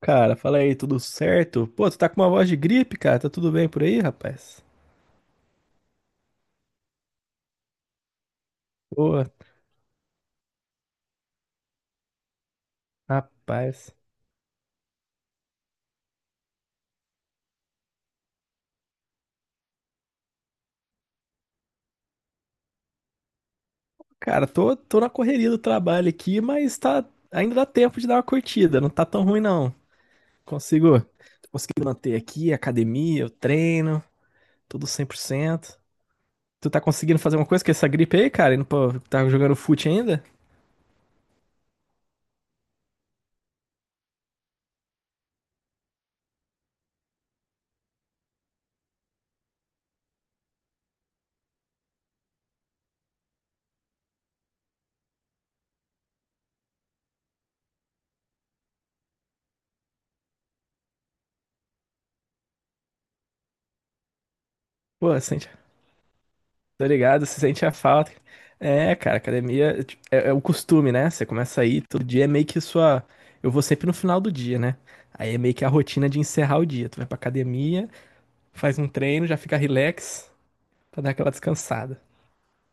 Cara, fala aí, tudo certo? Pô, tu tá com uma voz de gripe, cara. Tá tudo bem por aí, rapaz? Pô, rapaz. Cara, tô na correria do trabalho aqui, mas tá, ainda dá tempo de dar uma curtida. Não tá tão ruim, não. Consigo, tô conseguindo manter aqui, academia, o treino, tudo 100%. Tu tá conseguindo fazer uma coisa com essa gripe aí, cara? E não pô, tá jogando fute ainda? Pô, sente. Tô ligado, se sente a falta. É, cara, academia tipo, é o costume, né? Você começa a ir todo dia, é meio que sua. Eu vou sempre no final do dia, né? Aí é meio que a rotina de encerrar o dia. Tu vai pra academia, faz um treino, já fica relax pra dar aquela descansada.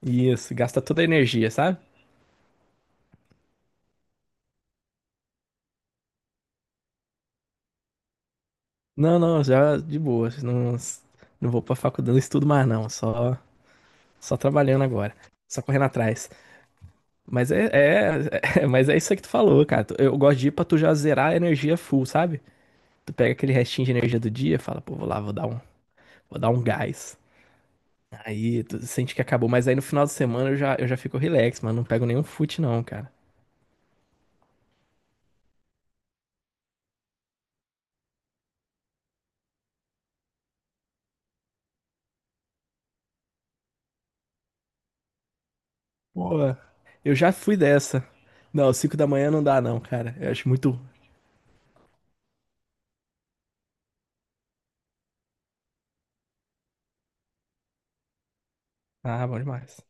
Isso, gasta toda a energia, sabe? Não, já de boa. Não, não vou pra faculdade, não estudo mais, não. Só trabalhando agora. Só correndo atrás. Mas é, é, é- mas é isso aí que tu falou, cara. Eu gosto de ir pra tu já zerar a energia full, sabe? Tu pega aquele restinho de energia do dia, fala, pô, vou dar um gás. Aí tu sente que acabou, mas aí no final de semana eu já fico relax, mano, não pego nenhum fute não, cara. Pô, eu já fui dessa. Não, 5 da manhã não dá não, cara. Eu acho muito. Ah, bom demais.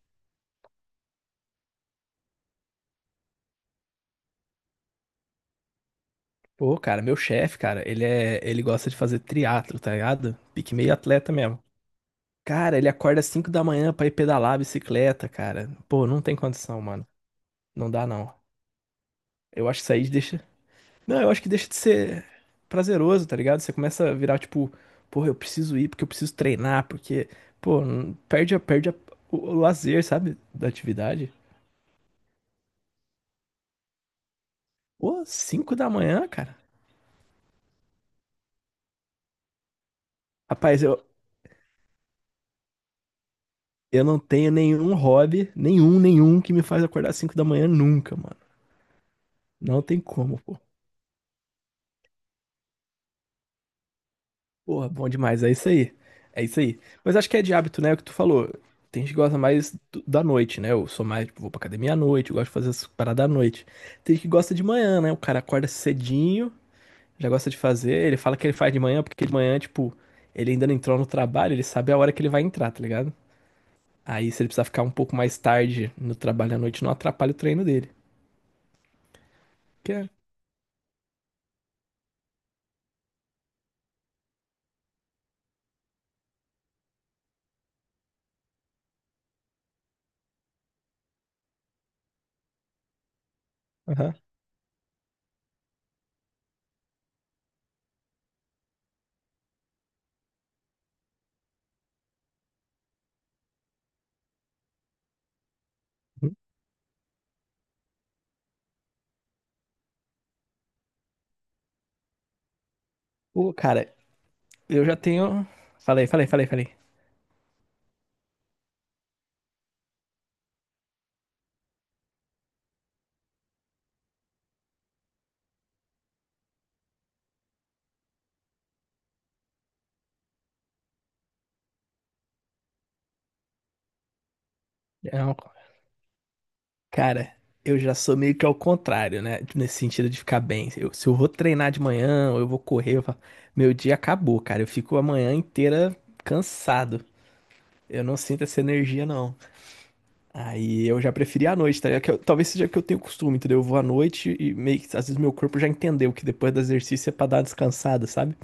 Pô, cara, meu chefe, cara, ele gosta de fazer triatlo, tá ligado? Pique meio atleta mesmo. Cara, ele acorda 5 da manhã pra ir pedalar a bicicleta, cara. Pô, não tem condição, mano. Não dá não. Eu acho que isso aí deixa. Não, eu acho que deixa de ser prazeroso, tá ligado? Você começa a virar tipo, porra, eu preciso ir porque eu preciso treinar, porque, pô, o lazer, sabe? Da atividade. Pô, 5 da manhã, cara. Rapaz, eu não tenho nenhum hobby, nenhum que me faz acordar 5 da manhã nunca, mano. Não tem como, pô. Porra, bom demais, é isso aí. É isso aí. Mas acho que é de hábito, né? O que tu falou. Tem gente que gosta mais do- da noite, né? Eu sou mais, tipo, vou pra academia à noite, eu gosto de fazer as paradas à noite. Tem gente que gosta de manhã, né? O cara acorda cedinho, já gosta de fazer. Ele fala que ele faz de manhã, porque de manhã, tipo, ele ainda não entrou no trabalho, ele sabe a hora que ele vai entrar, tá ligado? Aí, se ele precisar ficar um pouco mais tarde no trabalho à noite, não atrapalha o treino dele. Que é. Aham. Pô, cara, eu já tenho. Falei, falei, falei, falei. É, cara, eu já sou meio que ao contrário, né? Nesse sentido de ficar bem. Eu- se eu vou treinar de manhã, ou eu vou correr, eu falo, meu dia acabou, cara. Eu fico a manhã inteira cansado. Eu não sinto essa energia, não. Aí eu já preferi à noite, tá ligado? Que eu- talvez seja que eu tenho costume, entendeu? Eu vou à noite e meio que, às vezes meu corpo já entendeu que depois do exercício é pra dar uma descansada, sabe?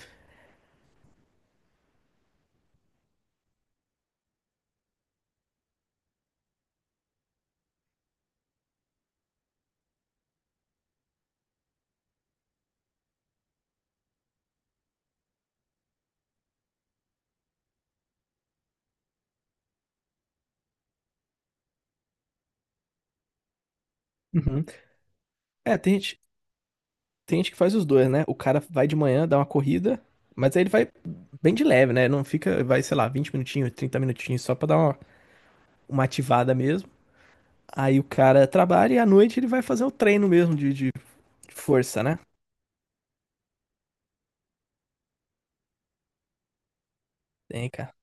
Uhum. É, tem gente que faz os dois, né? O cara vai de manhã, dá uma corrida, mas aí ele vai bem de leve, né? Não fica, vai, sei lá, 20 minutinhos, 30 minutinhos só pra dar uma ativada mesmo. Aí o cara trabalha e à noite ele vai fazer o treino mesmo de força, né? Tem, cara.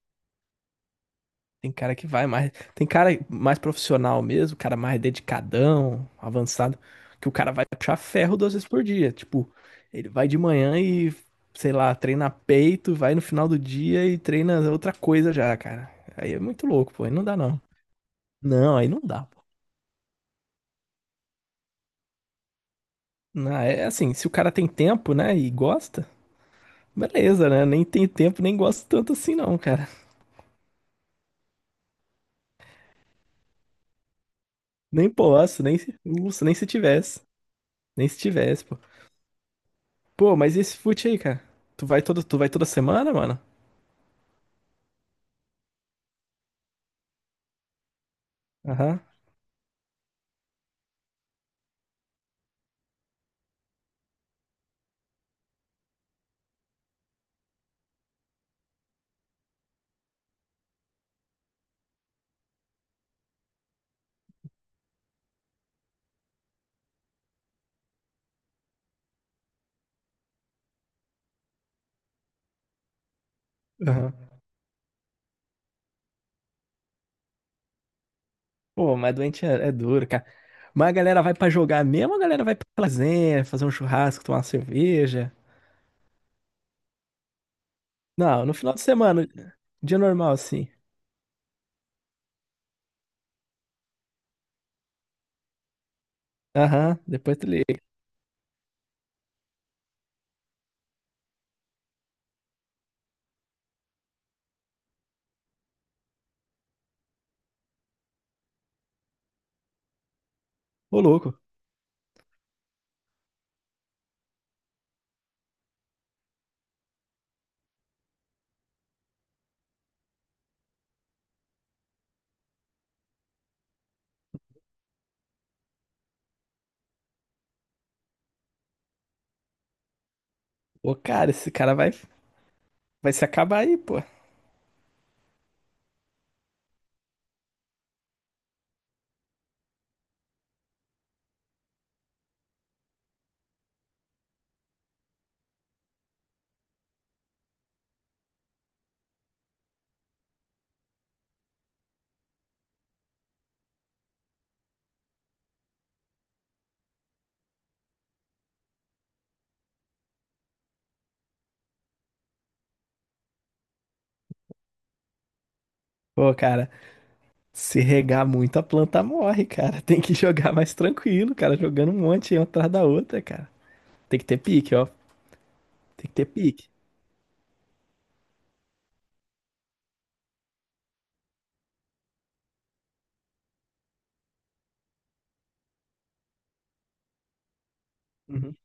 Tem cara que vai mais. Tem cara mais profissional mesmo, cara mais dedicadão, avançado, que o cara vai puxar ferro duas vezes por dia. Tipo, ele vai de manhã e, sei lá, treina peito, vai no final do dia e treina outra coisa já, cara. Aí é muito louco, pô. Aí não dá, não. Não, aí não dá, pô. Não, é assim, se o cara tem tempo, né, e gosta, beleza, né? Nem tem tempo, nem gosta tanto assim, não, cara. Nem posso, nem se, Nossa, nem se tivesse. Nem se tivesse, pô. Pô, mas e esse fute aí, cara? Tu vai toda semana, mano? Aham, aham. Pô, mas doente é, é duro, cara. Mas a galera vai pra jogar mesmo, ou a galera vai pra lazer, fazer um churrasco, tomar uma cerveja. Não, no final de semana, dia normal, assim. Aham, depois tu liga. Ô, louco. Ô, cara, esse cara vai, vai se acabar aí, pô. Pô, cara, se regar muito, a planta morre, cara. Tem que jogar mais tranquilo, cara, jogando um monte aí, uma atrás da outra, cara. Tem que ter pique, ó. Tem que ter pique. Uhum.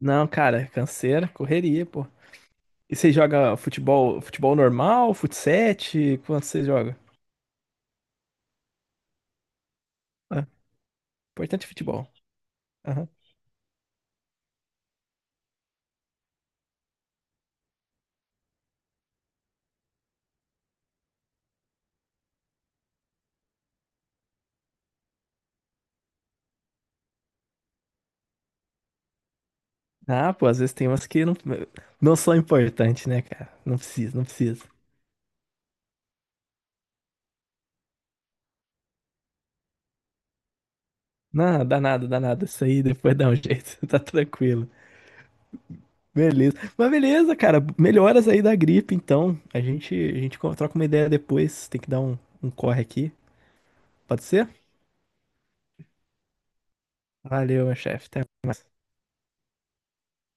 Não, cara, canseira, correria, pô. E você joga futebol, futebol normal, fut7? Quanto você joga? Ah, importante é futebol. Aham. Ah, pô, às vezes tem umas que não, não são importantes, né, cara? Não precisa, não precisa. Não, dá nada, dá nada. Isso aí depois dá um jeito, tá tranquilo. Beleza. Mas beleza, cara. Melhoras aí da gripe, então. A gente troca uma ideia depois. Tem que dar um, um corre aqui. Pode ser? Valeu, meu chefe. Até mais.